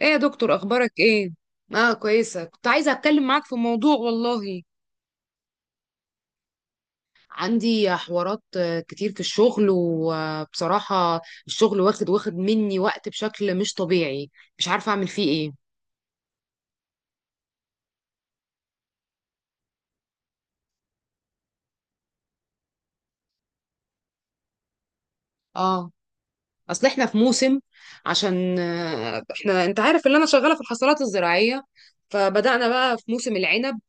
ايه يا دكتور اخبارك ايه؟ اه، كويسه. كنت عايزه اتكلم معاك في موضوع والله. عندي حوارات كتير في الشغل، وبصراحه الشغل واخد مني وقت بشكل مش طبيعي. مش عارفه اعمل فيه ايه. اه، اصل احنا في موسم، عشان احنا انت عارف ان انا شغاله في الحصلات الزراعيه، فبدأنا بقى في موسم العنب.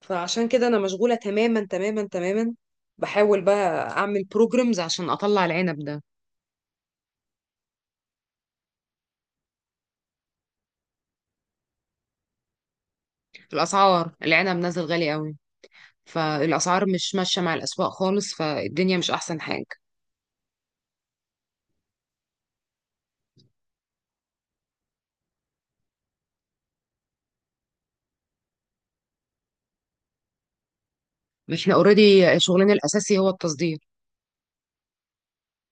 فعشان كده انا مشغوله تماما تماما تماما، بحاول بقى اعمل بروجرامز عشان اطلع العنب ده. الاسعار، العنب نازل غالي قوي، فالاسعار مش ماشيه مع الاسواق خالص، فالدنيا مش احسن حاجه. احنا اوريدي شغلنا الاساسي هو التصدير.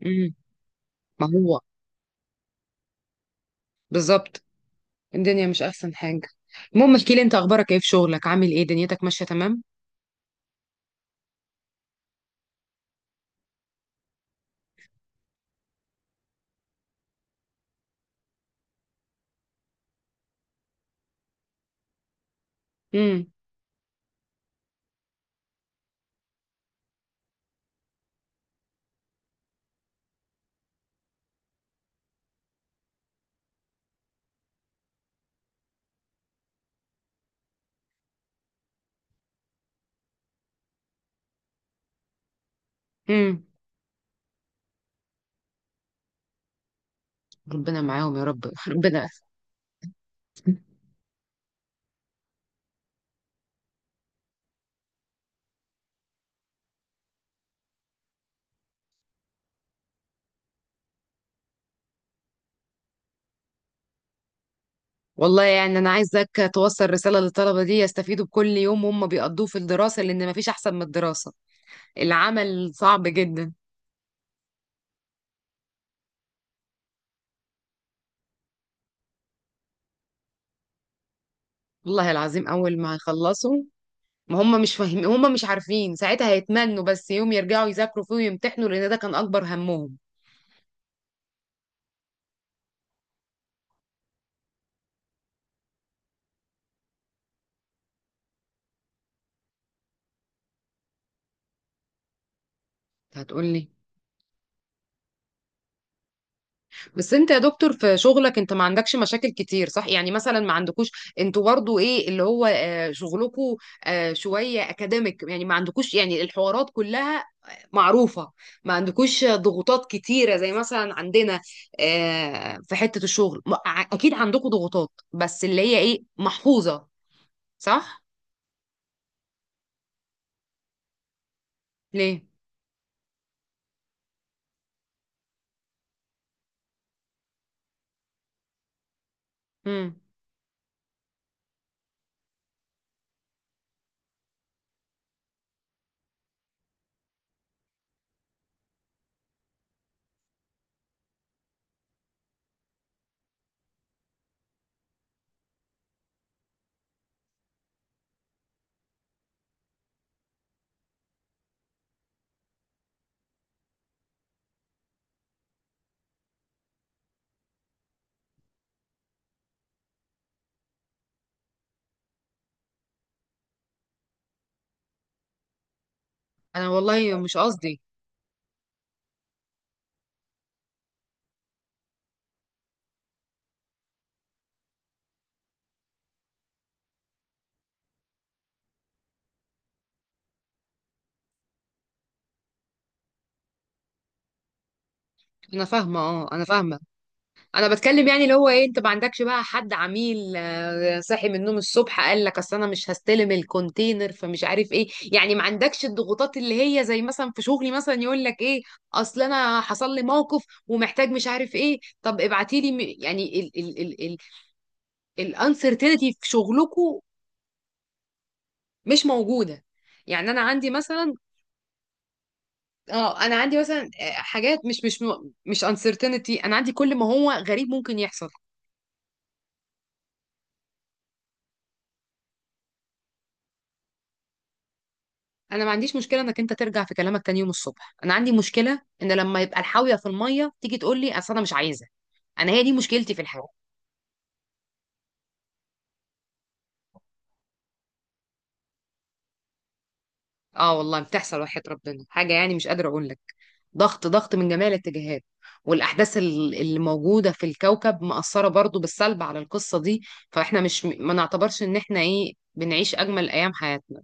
امم ما هو بالظبط، الدنيا مش احسن حاجه. المهم احكي لي انت، اخبارك ايه في شغلك؟ عامل ايه؟ دنيتك ماشيه تمام؟ امم امم ربنا معاهم يا رب ربنا. والله يعني انا عايزك توصل رساله للطلبه دي، يستفيدوا بكل يوم هم بيقضوه في الدراسه، لان مفيش احسن من الدراسه. العمل صعب جدا. والله العظيم اول ما يخلصوا، ما هم مش فاهمين، هم مش عارفين، ساعتها هيتمنوا بس يوم يرجعوا يذاكروا فيه ويمتحنوا، لان ده كان اكبر همهم. هتقولي، بس انت يا دكتور في شغلك انت ما عندكش مشاكل كتير صح؟ يعني مثلا ما عندكوش، انتوا برضو ايه اللي هو شغلكوا شوية اكاديميك، يعني ما عندكوش يعني الحوارات كلها معروفة، ما عندكوش ضغوطات كتيرة زي مثلا عندنا في حتة الشغل اكيد عندكوا ضغوطات، بس اللي هي ايه، محفوظة، صح؟ ليه؟ امم انا والله مش قصدي. انا فاهمه، اه انا فاهمه. انا بتكلم يعني اللي هو ايه، انت ما عندكش بقى حد عميل صاحي من النوم الصبح قال لك اصل انا مش هستلم الكونتينر فمش عارف ايه، يعني ما عندكش الضغوطات اللي هي زي مثلا في شغلي مثلا، يقول لك ايه اصل انا حصل لي موقف ومحتاج مش عارف ايه، طب ابعتي لي يعني ال الانسرتينتي في شغلكم مش موجوده. يعني انا عندي مثلا، اه انا عندي مثلا حاجات مش مش uncertainty، انا عندي كل ما هو غريب ممكن يحصل. انا ما عنديش مشكله انك انت ترجع في كلامك تاني يوم الصبح، انا عندي مشكله ان لما يبقى الحاويه في الميه تيجي تقول لي اصل انا مش عايزه. انا هي دي مشكلتي في الحياه. اه والله بتحصل، وحياة ربنا حاجه يعني مش قادره اقول لك. ضغط ضغط من جميع الاتجاهات. والاحداث اللي موجوده في الكوكب مأثره برضو بالسلب على القصه دي. فاحنا مش، ما نعتبرش ان احنا ايه، بنعيش اجمل ايام حياتنا.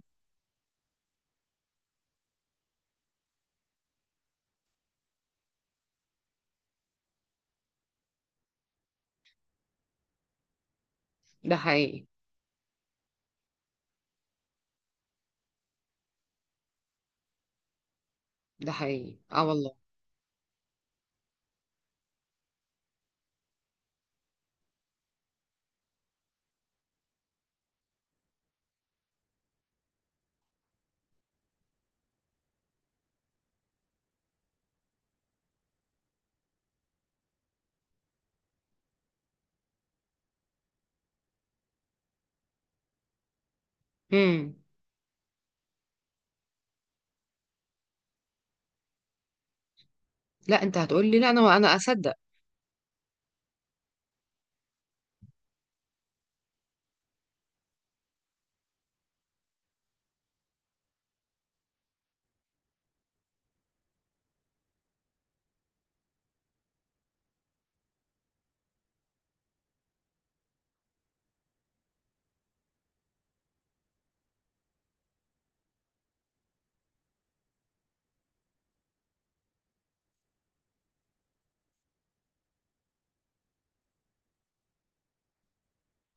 ده حقيقي. ده حقيقي، اه والله. امم لا انت هتقول لي لا، انا اصدق.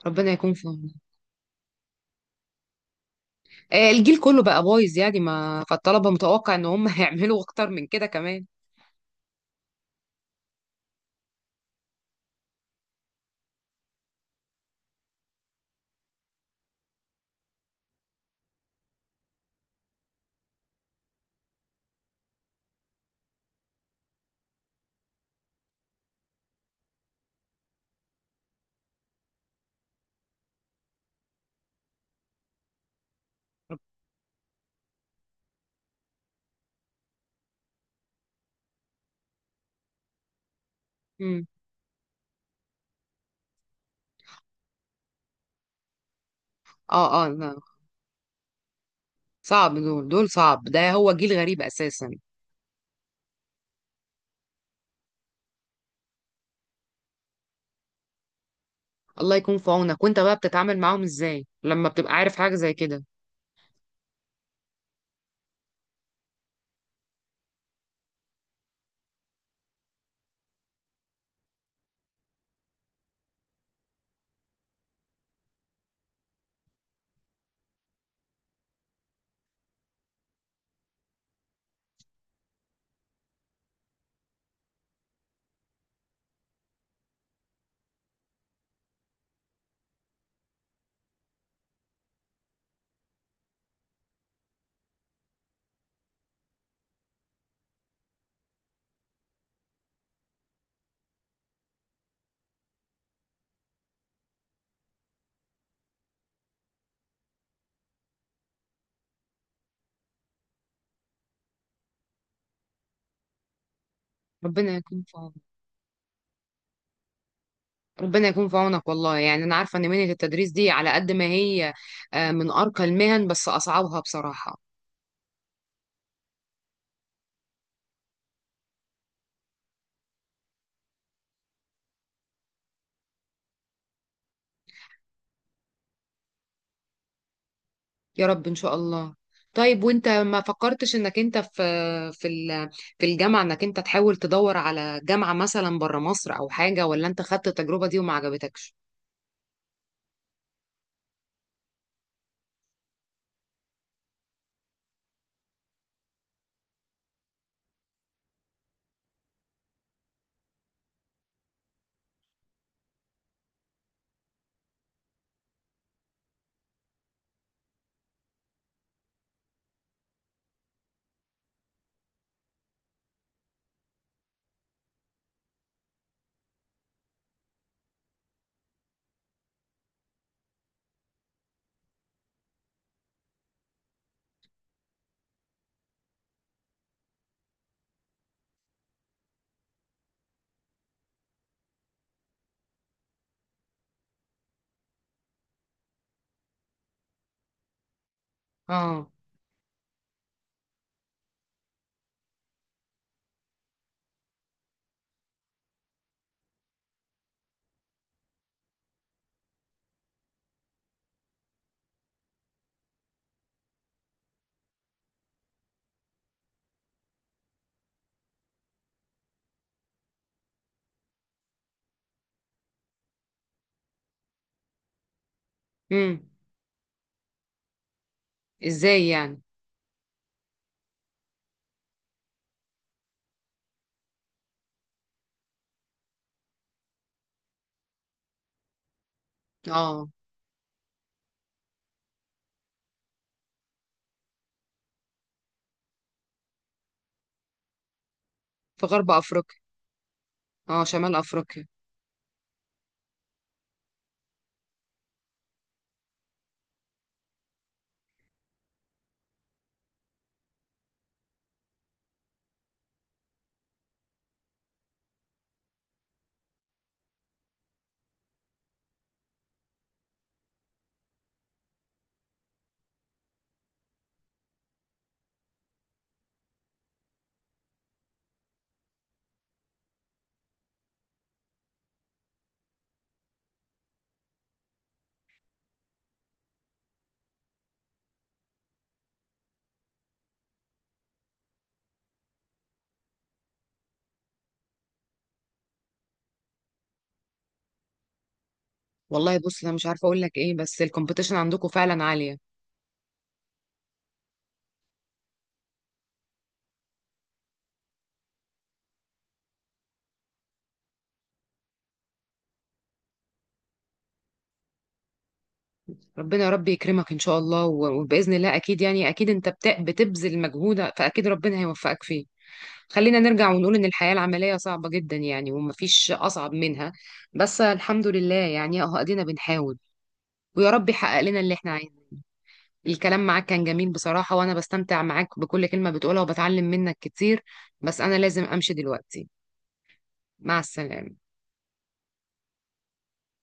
ربنا يكون في عونك. الجيل كله بقى بايظ يعني، ما فالطلبه متوقع ان هم هيعملوا اكتر من كده كمان. امم اه اه لا، صعب، دول صعب، ده هو جيل غريب اساسا. الله يكون في عونك. وانت بقى بتتعامل معاهم ازاي لما بتبقى عارف حاجه زي كده؟ ربنا يكون في عونك. ربنا يكون في عونك. والله يعني انا عارفه ان مهنه التدريس دي على قد ما هي من ارقى المهن، بس اصعبها بصراحه. يا رب ان شاء الله. طيب وانت ما فكرتش انك انت في في ال- في الجامعه، انك انت تحاول تدور على جامعه مثلا بره مصر او حاجه، ولا انت خدت التجربه دي وما عجبتكش؟ اه. امم ازاي يعني؟ اه. في غرب افريقيا. اه شمال افريقيا. والله بص انا مش عارفه اقول لك ايه، بس الكومبيتيشن عندكم فعلا عاليه. ربنا يا رب يكرمك ان شاء الله، وباذن الله اكيد، يعني اكيد انت بتبذل مجهود، فاكيد ربنا هيوفقك فيه. خلينا نرجع ونقول إن الحياة العملية صعبة جدا يعني، ومفيش أصعب منها. بس الحمد لله يعني، أهو أدينا بنحاول. ويا رب يحقق لنا اللي إحنا عايزينه. الكلام معاك كان جميل بصراحة، وأنا بستمتع معاك بكل كلمة بتقولها وبتعلم منك كتير. بس أنا لازم أمشي دلوقتي. مع السلامة.